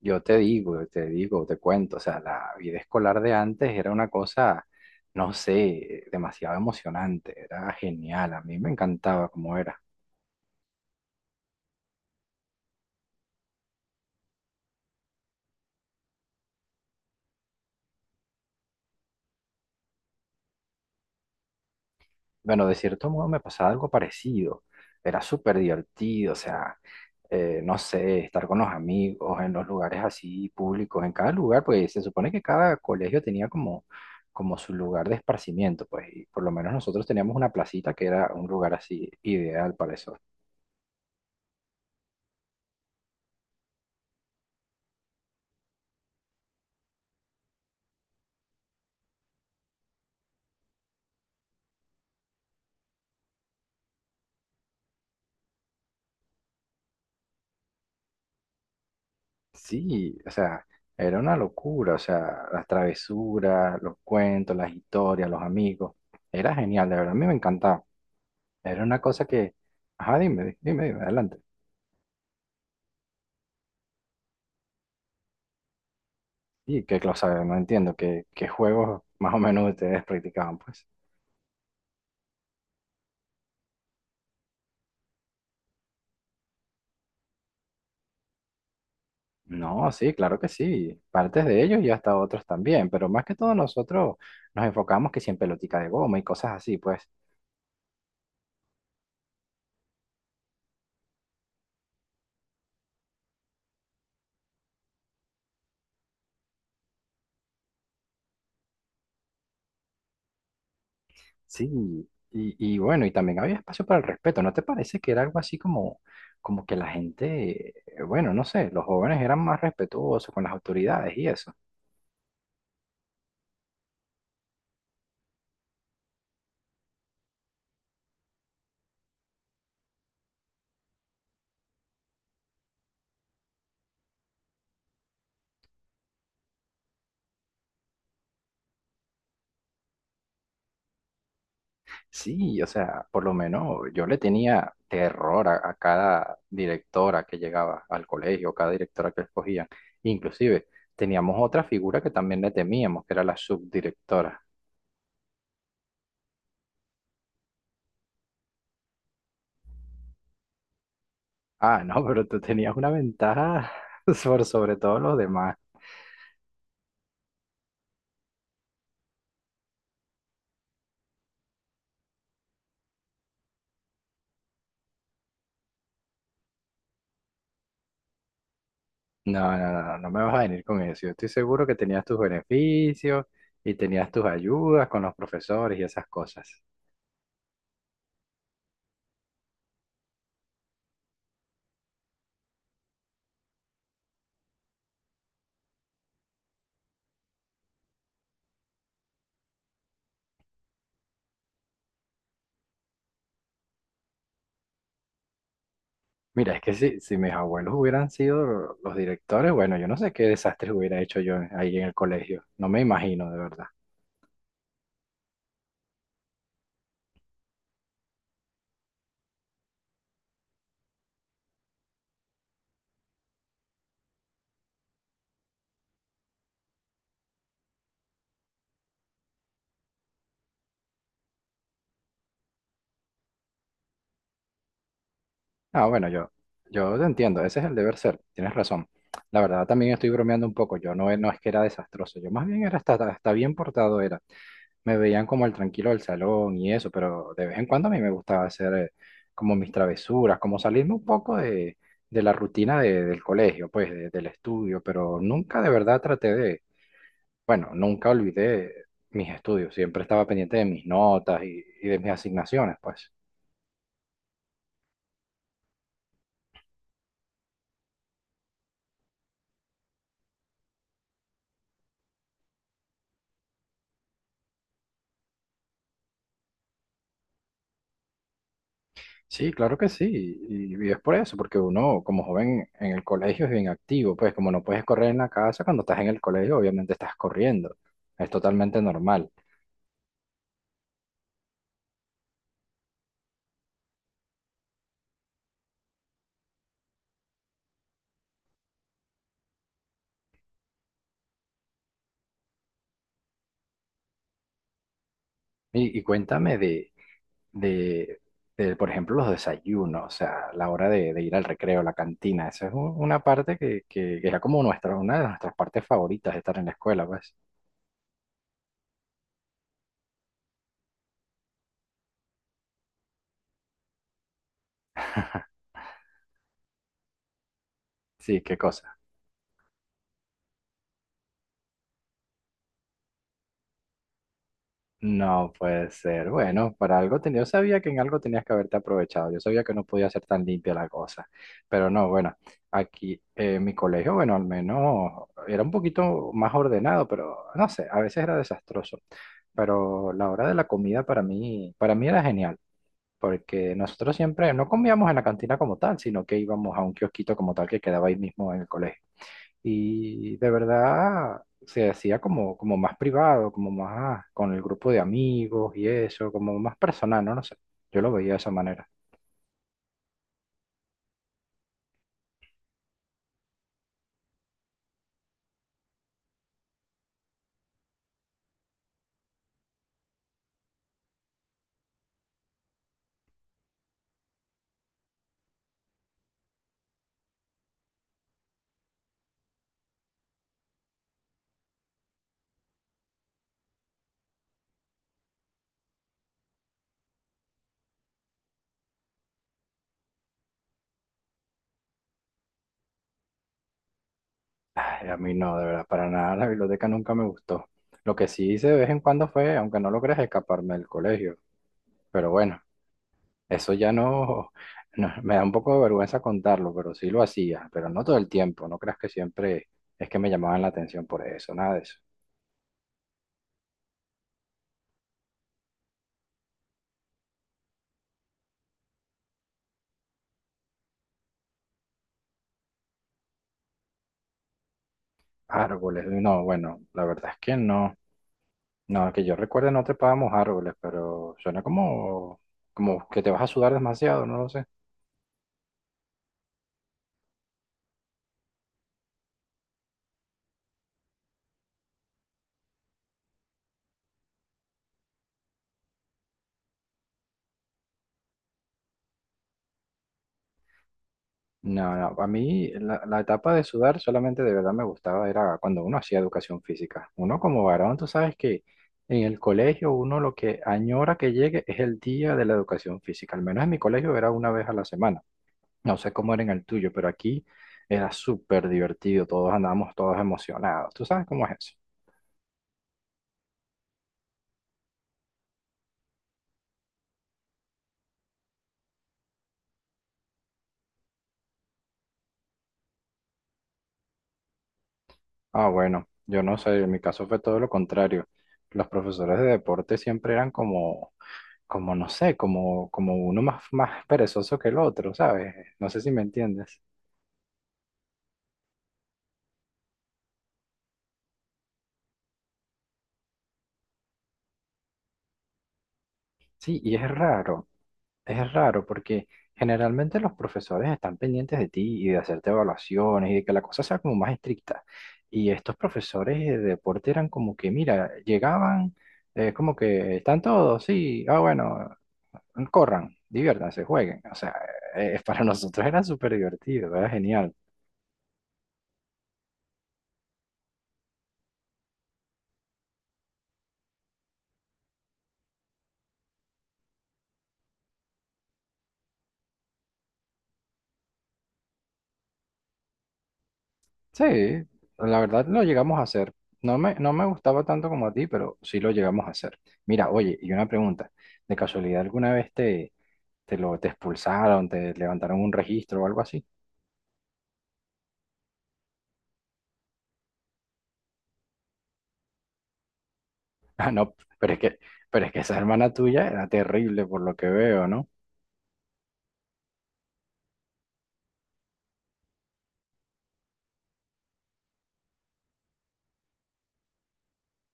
Yo te digo, te digo, te cuento, o sea, la vida escolar de antes era una cosa, no sé, demasiado emocionante, era genial, a mí me encantaba cómo era. Bueno, de cierto modo me pasaba algo parecido, era súper divertido, o sea, no sé, estar con los amigos en los lugares así públicos, en cada lugar, pues se supone que cada colegio tenía como, como su lugar de esparcimiento, pues, y por lo menos nosotros teníamos una placita que era un lugar así ideal para eso. Sí, o sea, era una locura, o sea, las travesuras, los cuentos, las historias, los amigos, era genial, de verdad, a mí me encantaba. Era una cosa que, ajá, dime, dime, adelante. Y qué cosa, no entiendo, qué juegos más o menos ustedes practicaban, pues. No, sí, claro que sí, partes de ellos y hasta otros también, pero más que todo nosotros nos enfocamos que si en pelotica de goma y cosas así, pues. Sí, y bueno, y también había espacio para el respeto, ¿no te parece que era algo así como, como que la gente, bueno, no sé, los jóvenes eran más respetuosos con las autoridades y eso? Sí, o sea, por lo menos yo le tenía terror a cada directora que llegaba al colegio, cada directora que escogían. Inclusive teníamos otra figura que también le temíamos, que era la subdirectora. Ah, no, pero tú tenías una ventaja por sobre todos los demás. No, no, no, no me vas a venir con eso. Yo estoy seguro que tenías tus beneficios y tenías tus ayudas con los profesores y esas cosas. Mira, es que si mis abuelos hubieran sido los directores, bueno, yo no sé qué desastres hubiera hecho yo ahí en el colegio. No me imagino, de verdad. Ah, bueno, yo te entiendo, ese es el deber ser, tienes razón. La verdad, también estoy bromeando un poco. Yo no, no es que era desastroso, yo más bien era hasta, hasta bien portado era. Me veían como el tranquilo del salón y eso, pero de vez en cuando a mí me gustaba hacer como mis travesuras, como salirme un poco de, del colegio, pues del estudio, pero nunca de verdad traté de, bueno, nunca olvidé mis estudios, siempre estaba pendiente de mis notas y de mis asignaciones, pues. Sí, claro que sí, y es por eso, porque uno como joven en el colegio es bien activo, pues como no puedes correr en la casa, cuando estás en el colegio obviamente estás corriendo, es totalmente normal. Y cuéntame de, de, por ejemplo, los desayunos, o sea, la hora de ir al recreo, la cantina. Una parte que, que era como nuestra, una de nuestras partes favoritas de estar en la escuela, pues. Sí, qué cosa. No puede ser. Bueno, para algo tenía, yo sabía que en algo tenías que haberte aprovechado. Yo sabía que no podía ser tan limpia la cosa. Pero no, bueno, aquí mi colegio, bueno, al menos era un poquito más ordenado, pero no sé, a veces era desastroso. Pero la hora de la comida para mí era genial. Porque nosotros siempre no comíamos en la cantina como tal, sino que íbamos a un kiosquito como tal que quedaba ahí mismo en el colegio. Y de verdad se hacía como, como más privado, como más con el grupo de amigos y eso, como más personal, no, no sé. Yo lo veía de esa manera. Ay, a mí no, de verdad, para nada la biblioteca nunca me gustó. Lo que sí hice de vez en cuando fue, aunque no logré escaparme del colegio, pero bueno. Eso ya no, me da un poco de vergüenza contarlo, pero sí lo hacía, pero no todo el tiempo, no creas que siempre es que me llamaban la atención por eso, nada de eso. Árboles, no, bueno, la verdad es que no, no, que yo recuerde no trepábamos árboles, pero suena como, como que te vas a sudar demasiado, no lo sé. No, no, a mí la, la etapa de sudar solamente de verdad me gustaba, era cuando uno hacía educación física. Uno como varón, tú sabes que en el colegio uno lo que añora que llegue es el día de la educación física. Al menos en mi colegio era una vez a la semana. No sé cómo era en el tuyo, pero aquí era súper divertido, todos andábamos todos emocionados. ¿Tú sabes cómo es eso? Ah, bueno, yo no sé, en mi caso fue todo lo contrario. Los profesores de deporte siempre eran como… como no sé, como, como uno más, más perezoso que el otro, ¿sabes? No sé si me entiendes. Sí, y es raro porque generalmente los profesores están pendientes de ti y de hacerte evaluaciones y de que la cosa sea como más estricta. Y estos profesores de deporte eran como que, mira, llegaban, como que están todos, sí, ah, bueno, corran, diviértanse, jueguen. O sea, para nosotros era súper divertido, era genial. Sí, la verdad lo llegamos a hacer. No me, no me gustaba tanto como a ti, pero sí lo llegamos a hacer. Mira, oye, y una pregunta. ¿De casualidad alguna vez te, te lo te expulsaron, te levantaron un registro o algo así? Ah, no, pero es que, pero es que esa hermana tuya era terrible por lo que veo, ¿no?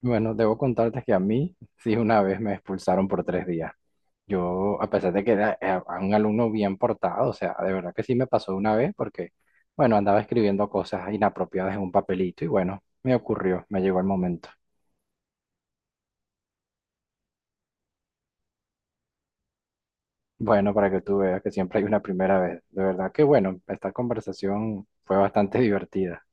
Bueno, debo contarte que a mí sí una vez me expulsaron por 3 días. Yo, a pesar de que era, era un alumno bien portado, o sea, de verdad que sí me pasó una vez porque, bueno, andaba escribiendo cosas inapropiadas en un papelito y bueno, me ocurrió, me llegó el momento. Bueno, para que tú veas que siempre hay una primera vez. De verdad que bueno, esta conversación fue bastante divertida.